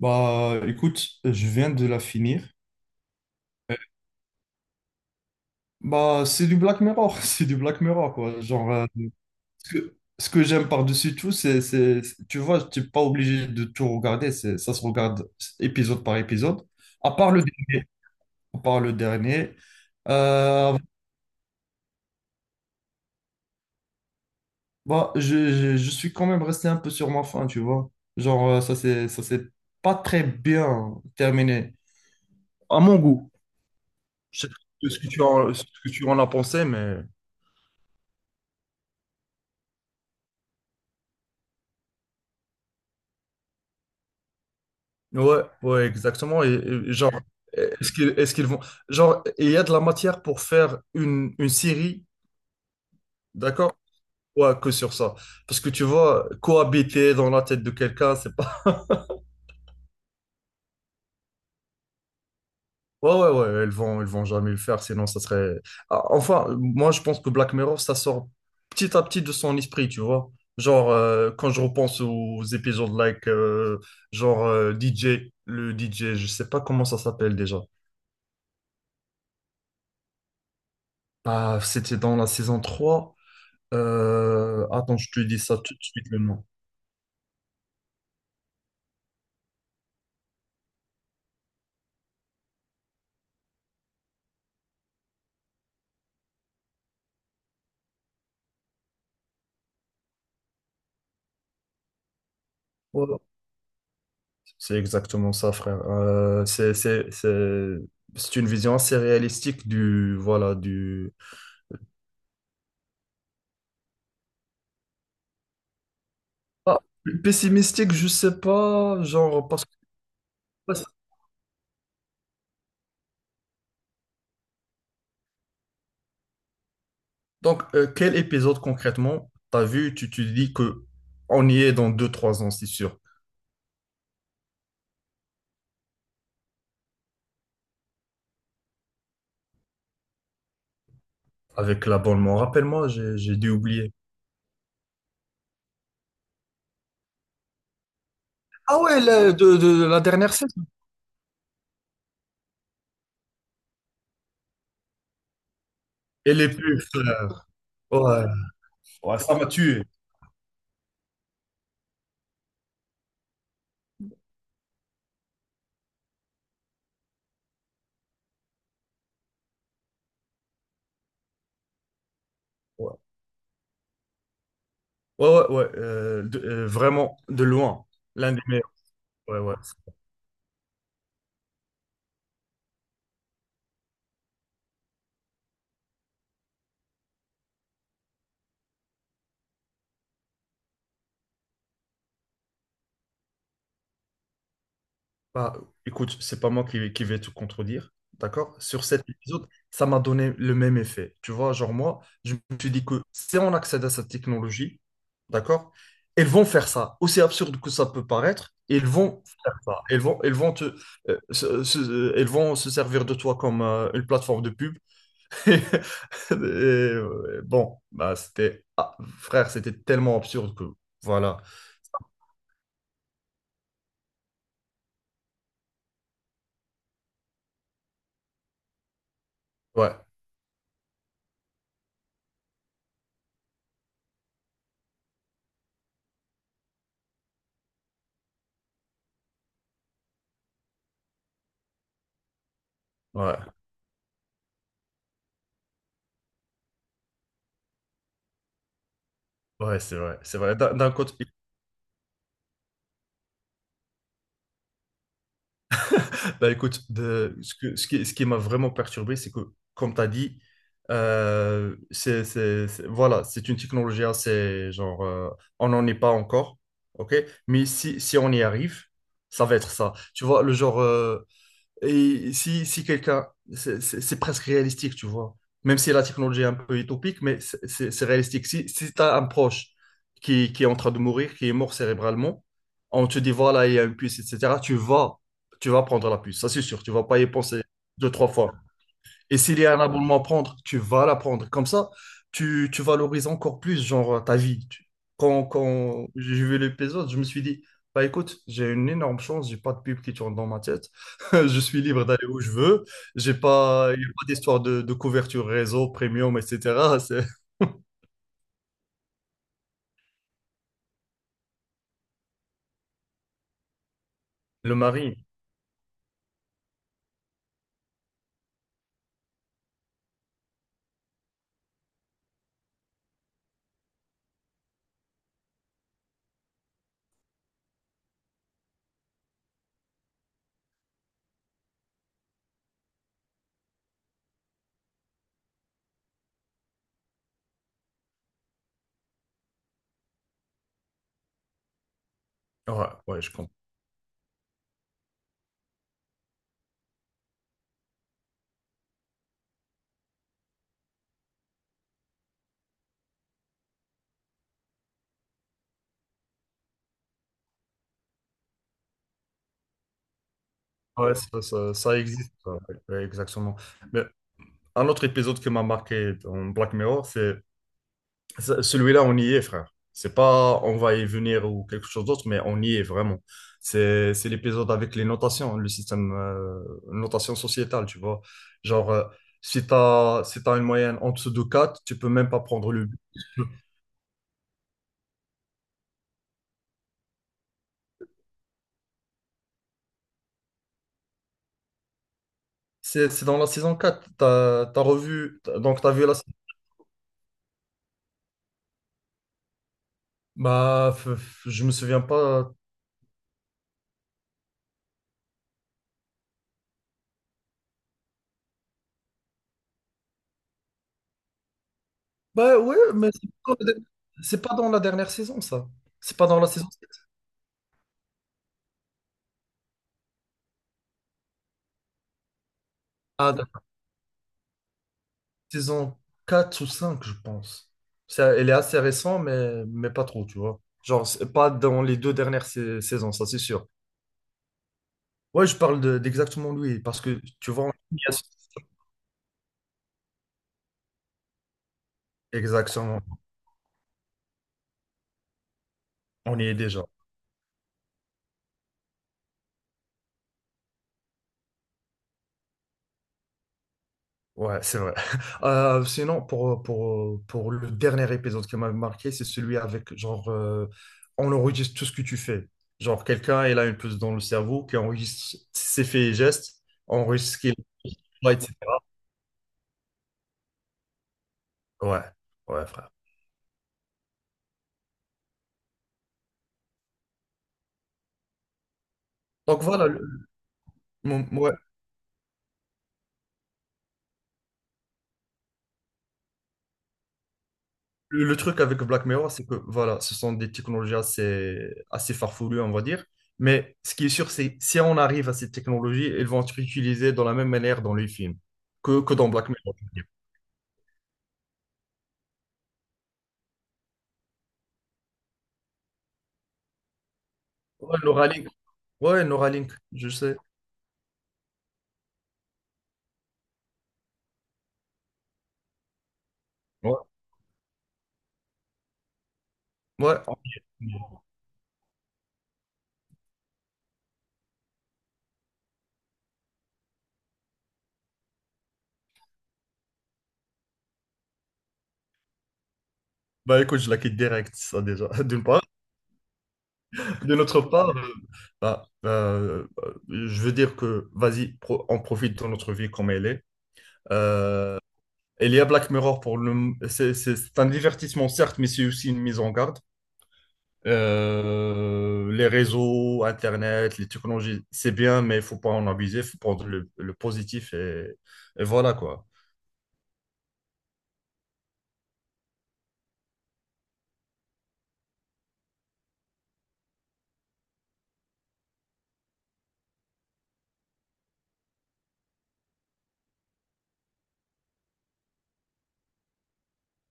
Bah, écoute, je viens de la finir. Bah, c'est du Black Mirror, c'est du Black Mirror, quoi. Genre, ce que j'aime par-dessus tout, c'est tu vois, t'es pas obligé de tout regarder, c'est, ça se regarde épisode par épisode, à part le dernier. À part le dernier, euh, bah, je suis quand même resté un peu sur ma faim, tu vois. Genre, ça s'est pas très bien terminé, à mon goût. Je sais pas ce que tu en as pensé, mais... Ouais, ouais, exactement. Et genre, est-ce qu'ils vont. Genre, et il y a de la matière pour faire une série, d'accord? Ouais, que sur ça. Parce que tu vois, cohabiter dans la tête de quelqu'un, c'est pas. Ouais, ouais, ouais, ils vont jamais le faire, sinon ça serait. Ah, enfin, moi, je pense que Black Mirror, ça sort petit à petit de son esprit, tu vois. Genre, quand je repense aux épisodes DJ, le DJ, je sais pas comment ça s'appelle déjà. Ah, c'était dans la saison trois. Attends, je te dis ça tout de suite le nom. Ouais. C'est exactement ça, frère. C'est c'est une vision assez réalistique voilà, du... Ah, pessimistique, je sais pas, genre, parce que... Donc, quel épisode concrètement t'as vu, tu te dis que on y est dans deux, trois ans, c'est sûr, avec l'abonnement. Rappelle-moi, j'ai dû oublier. Ah ouais, de la dernière saison. Et les pubs, frère. Ouais, ouais, ça m'a tué. Ouais. Ouais, ouais, ouais, vraiment de loin, l'un des meilleurs. Ouais, ouais. c'est Pas, écoute, c'est pas moi qui vais te contredire, d'accord? Sur cet épisode, ça m'a donné le même effet. Tu vois, genre moi, je me suis dit que si on accède à cette technologie, d'accord? Elles vont faire ça, aussi absurde que ça peut paraître, elles vont faire ça. Elles vont se servir de toi comme une plateforme de pub. Et, bon, bah c'était frère, c'était tellement absurde que voilà. Ouais, ouais, ouais, c'est vrai, c'est vrai. D'un côté, bah écoute, ce qui m'a vraiment perturbé, c'est que, comme tu as dit, c'est voilà, c'est une technologie assez genre, on n'en est pas encore, ok? Mais si on y arrive, ça va être ça. Tu vois, le genre. Et si quelqu'un, c'est c'est presque réalistique, tu vois. Même si la technologie est un peu utopique, mais c'est c'est- réalistique. Si tu as un proche qui est en train de mourir, qui est mort cérébralement, on te dit, voilà, il y a une puce, etc., tu vas prendre la puce, ça c'est sûr, tu vas pas y penser deux, trois fois. Et s'il y a un abonnement à prendre, tu vas l'apprendre. Comme ça, tu valorises encore plus, genre, ta vie. Quand j'ai vu l'épisode, je me suis dit, bah écoute, j'ai une énorme chance, j'ai pas de pub qui tourne dans ma tête. Je suis libre d'aller où je veux. J'ai pas, il n'y a pas d'histoire de, couverture réseau, premium, etc. Le mari, ouais, ouais, je comprends. Ouais, ça existe, ça. Ouais, exactement. Mais un autre épisode qui m'a marqué dans Black Mirror, c'est. Celui-là, on y est, frère. C'est pas on va y venir ou quelque chose d'autre, mais on y est vraiment. C'est l'épisode avec les notations, le système notation sociétale, tu vois. Genre, si t'as une moyenne en dessous de 4, tu peux même pas prendre le but. C'est dans la saison 4. Donc t'as vu la. Bah, je me souviens pas. Bah ouais, mais c'est pas dans la dernière saison, ça. C'est pas dans la saison 7. Saison 4 ou 5, je pense. Elle est assez récente, mais pas trop, tu vois. Genre, c'est pas dans les deux dernières saisons, ça c'est sûr. Ouais, je parle d'exactement lui, parce que tu vois, exactement, on y est déjà. Ouais, c'est vrai. Sinon, pour le dernier épisode qui m'a marqué, c'est celui avec, genre, on enregistre tout ce que tu fais. Genre, quelqu'un, il a une puce dans le cerveau qui enregistre ses faits et gestes, enregistre ce qu'il voit, etc. Ouais, ouais, frère. Donc voilà, ouais. Le truc avec Black Mirror, c'est que voilà, ce sont des technologies assez, assez farfelues, on va dire. Mais ce qui est sûr, c'est si on arrive à ces technologies, elles vont être utilisées de la même manière dans les films que dans Black Mirror. Je veux dire. Ouais, Neuralink. Ouais, Neuralink, je sais. Ouais. Ouais. Bah écoute, je la quitte direct, ça déjà, d'une part. De notre part, bah, je veux dire que, vas-y, on profite de notre vie comme elle est. Euh, il y a Black Mirror pour le... C'est un divertissement, certes, mais c'est aussi une mise en garde. Les réseaux, Internet, les technologies, c'est bien, mais il faut pas en abuser, il faut prendre le positif et voilà, quoi.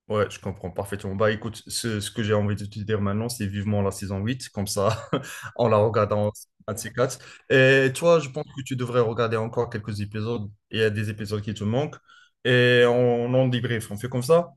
Ouais, je comprends parfaitement. Bah écoute, ce que j'ai envie de te dire maintenant, c'est vivement la saison 8, comme ça, on la regarde en 24. Et toi, je pense que tu devrais regarder encore quelques épisodes. Il y a des épisodes qui te manquent. Et on en débrief, on fait comme ça?